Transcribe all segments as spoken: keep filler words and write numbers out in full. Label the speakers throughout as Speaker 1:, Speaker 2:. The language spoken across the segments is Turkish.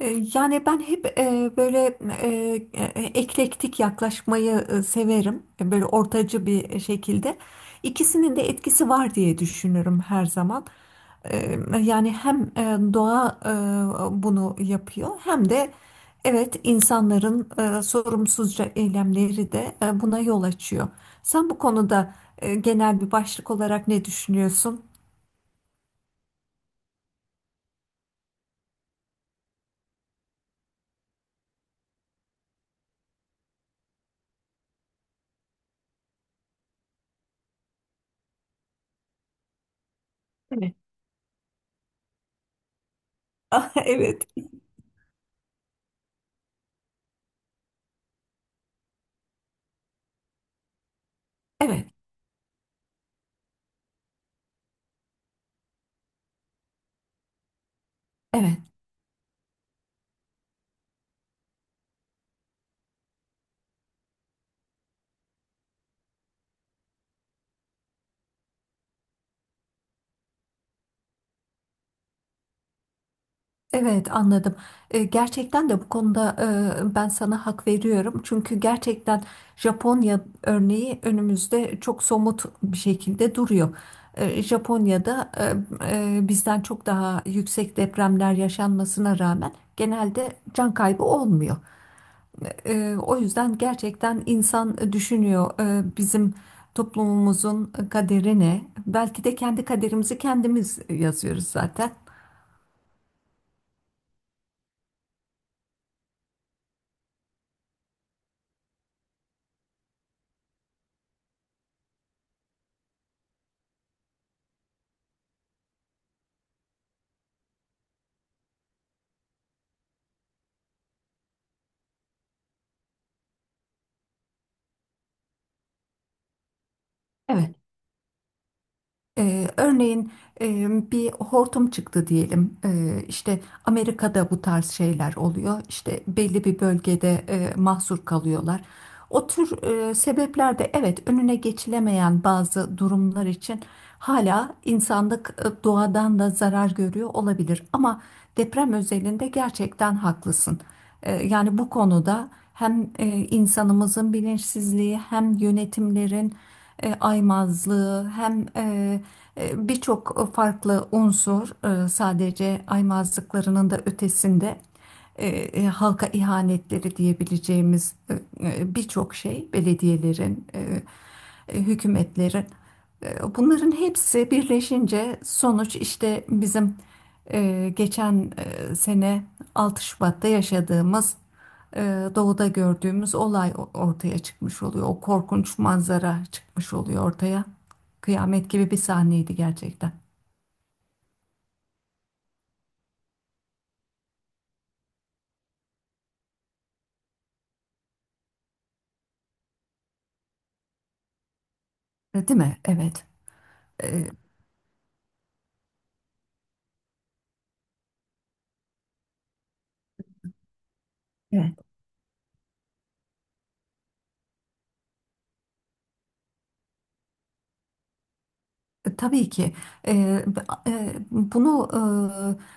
Speaker 1: E, Yani ben hep e, böyle e, e, eklektik yaklaşmayı e, severim. E, Böyle ortacı bir e, şekilde. İkisinin de etkisi var diye düşünürüm her zaman. E, Yani hem e, doğa e, bunu yapıyor hem de evet insanların e, sorumsuzca eylemleri de e, buna yol açıyor. Sen bu konuda e, genel bir başlık olarak ne düşünüyorsun? Evet. Evet, evet, evet. Evet, anladım. E, gerçekten de bu konuda e, ben sana hak veriyorum. Çünkü gerçekten Japonya örneği önümüzde çok somut bir şekilde duruyor. E, Japonya'da e, e, bizden çok daha yüksek depremler yaşanmasına rağmen genelde can kaybı olmuyor. E, o yüzden gerçekten insan düşünüyor, e, bizim toplumumuzun kaderi ne? Belki de kendi kaderimizi kendimiz yazıyoruz zaten. Evet. Ee, örneğin e, bir hortum çıktı diyelim. Ee, işte Amerika'da bu tarz şeyler oluyor. İşte belli bir bölgede e, mahsur kalıyorlar. O tür e, sebepler de, evet, önüne geçilemeyen bazı durumlar için hala insanlık e, doğadan da zarar görüyor olabilir. Ama deprem özelinde gerçekten haklısın. Ee, yani bu konuda hem e, insanımızın bilinçsizliği, hem yönetimlerin e, aymazlığı, hem e, e, birçok farklı unsur, e, sadece aymazlıklarının da ötesinde e, e, halka ihanetleri diyebileceğimiz e, e, birçok şey belediyelerin, e, e, hükümetlerin, e, bunların hepsi birleşince sonuç işte bizim e, geçen e, sene altı Şubatta yaşadığımız, e, doğuda gördüğümüz olay ortaya çıkmış oluyor. O korkunç manzara çıkmış oluyor ortaya. Kıyamet gibi bir sahneydi gerçekten. E, Değil mi? Evet. E, Evet. E, Tabii ki e, b- e, bunu,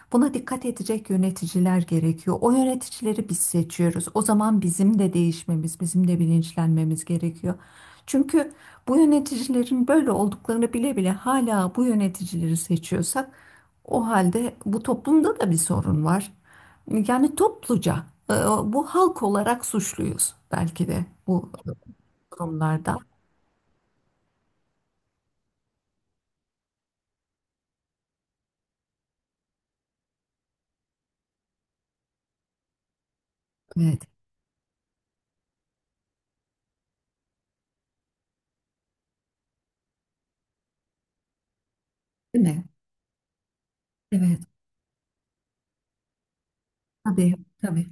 Speaker 1: e, buna dikkat edecek yöneticiler gerekiyor. O yöneticileri biz seçiyoruz. O zaman bizim de değişmemiz, bizim de bilinçlenmemiz gerekiyor. Çünkü bu yöneticilerin böyle olduklarını bile bile hala bu yöneticileri seçiyorsak, o halde bu toplumda da bir sorun var. Yani topluca e, bu halk olarak suçluyuz belki de bu durumlarda. Evet, değil mi? Evet, tabii, tabii.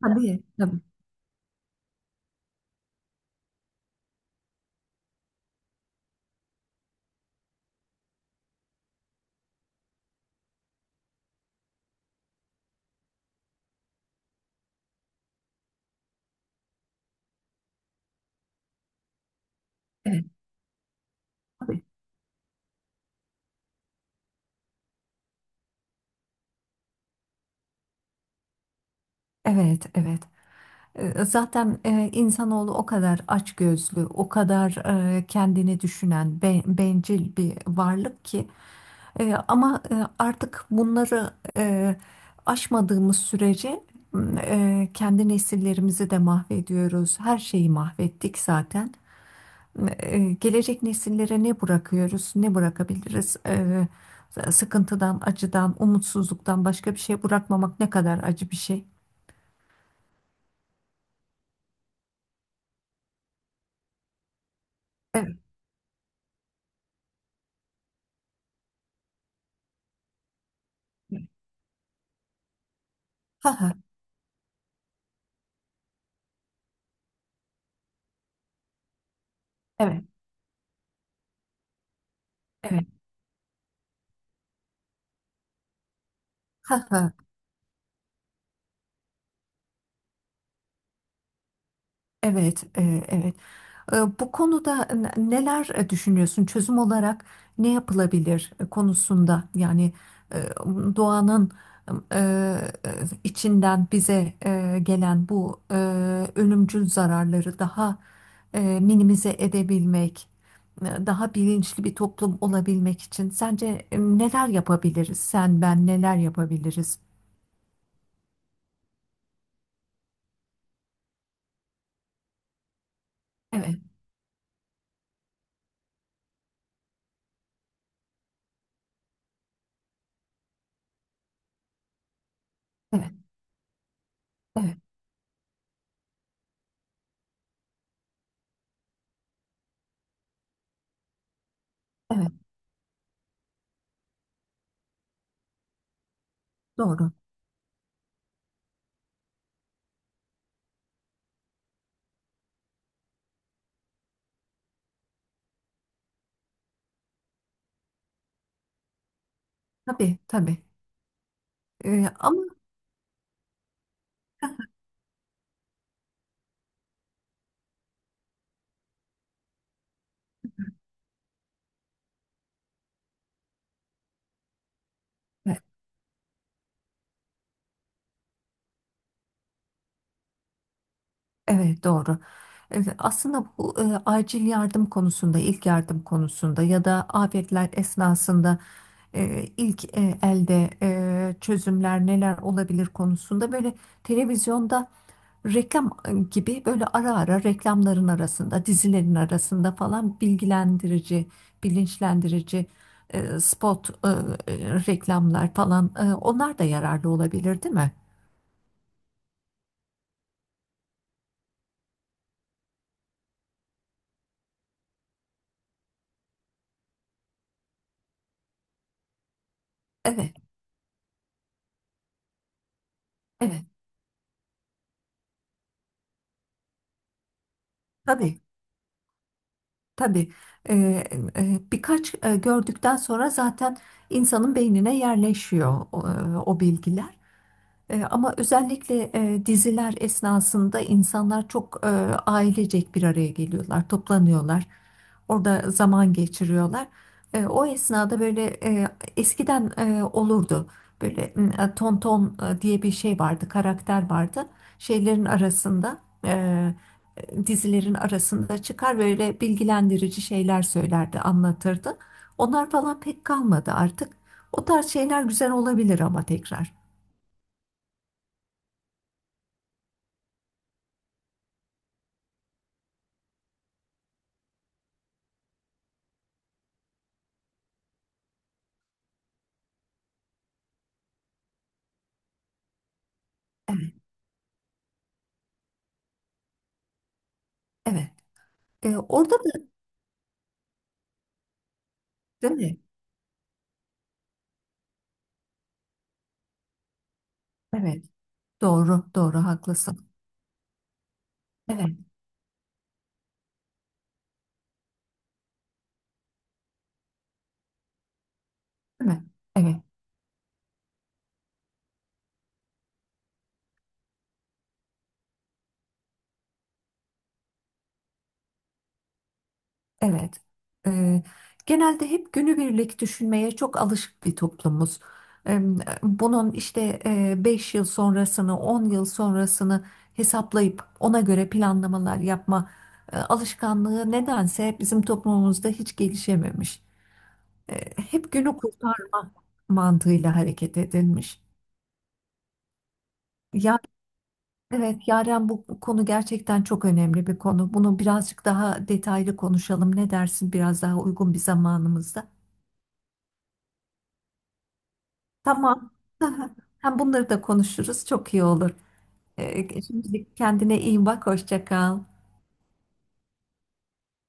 Speaker 1: Tabii, tabii. Evet, tabii. Evet, evet. E, Zaten e, insanoğlu o kadar açgözlü, o kadar e, kendini düşünen, be- bencil bir varlık ki. E, ama e, artık bunları e, aşmadığımız sürece m, e, kendi nesillerimizi de mahvediyoruz. Her şeyi mahvettik zaten. e, gelecek nesillere ne bırakıyoruz, ne bırakabiliriz? E, sıkıntıdan, acıdan, umutsuzluktan başka bir şey bırakmamak ne kadar acı bir şey. Evet. Ha ha. Evet. Evet. Ha ha. Evet, e, evet. E, Bu konuda n- neler e, düşünüyorsun? Çözüm olarak ne yapılabilir e, konusunda? Yani e, doğanın e, e, içinden bize e, gelen bu e, ölümcül zararları daha e, minimize edebilmek, e, daha bilinçli bir toplum olabilmek için sence e, neler yapabiliriz? Sen, ben neler yapabiliriz? Evet, evet, evet, evet. Doğru. Tabii, tabii. E, ama Evet, doğru. Evet, aslında bu e, acil yardım konusunda, ilk yardım konusunda ya da afetler esnasında e, ilk e, elde e, çözümler neler olabilir konusunda, böyle televizyonda reklam gibi, böyle ara ara reklamların arasında, dizilerin arasında falan bilgilendirici, bilinçlendirici e, spot e, e, reklamlar falan, e, onlar da yararlı olabilir, değil mi? Evet, evet. Tabii. Tabii, e, e, birkaç e, gördükten sonra zaten insanın beynine yerleşiyor o, e, o bilgiler. E, Ama özellikle e, diziler esnasında insanlar çok e, ailecek bir araya geliyorlar, toplanıyorlar. Orada zaman geçiriyorlar. E, o esnada böyle e, eskiden e, olurdu. Böyle m, e, tonton e, diye bir şey vardı, karakter vardı. Şeylerin arasında, e, dizilerin arasında çıkar böyle bilgilendirici şeyler söylerdi, anlatırdı. Onlar falan pek kalmadı artık. O tarz şeyler güzel olabilir ama tekrar. Evet, evet. E, orada da, değil mi? Evet. Doğru, doğru, haklısın. Evet, değil mi? Evet, evet. E, genelde hep günübirlik düşünmeye çok alışık bir toplumuz. E, bunun işte e, beş yıl sonrasını, on yıl sonrasını hesaplayıp ona göre planlamalar yapma e, alışkanlığı nedense bizim toplumumuzda hiç gelişememiş. E, hep günü kurtarma mantığıyla hareket edilmiş. Yani, evet, Yaren, bu konu gerçekten çok önemli bir konu. Bunu birazcık daha detaylı konuşalım. Ne dersin biraz daha uygun bir zamanımızda? Tamam. Hem bunları da konuşuruz. Çok iyi olur. Ee, şimdilik kendine iyi bak. Hoşça kal.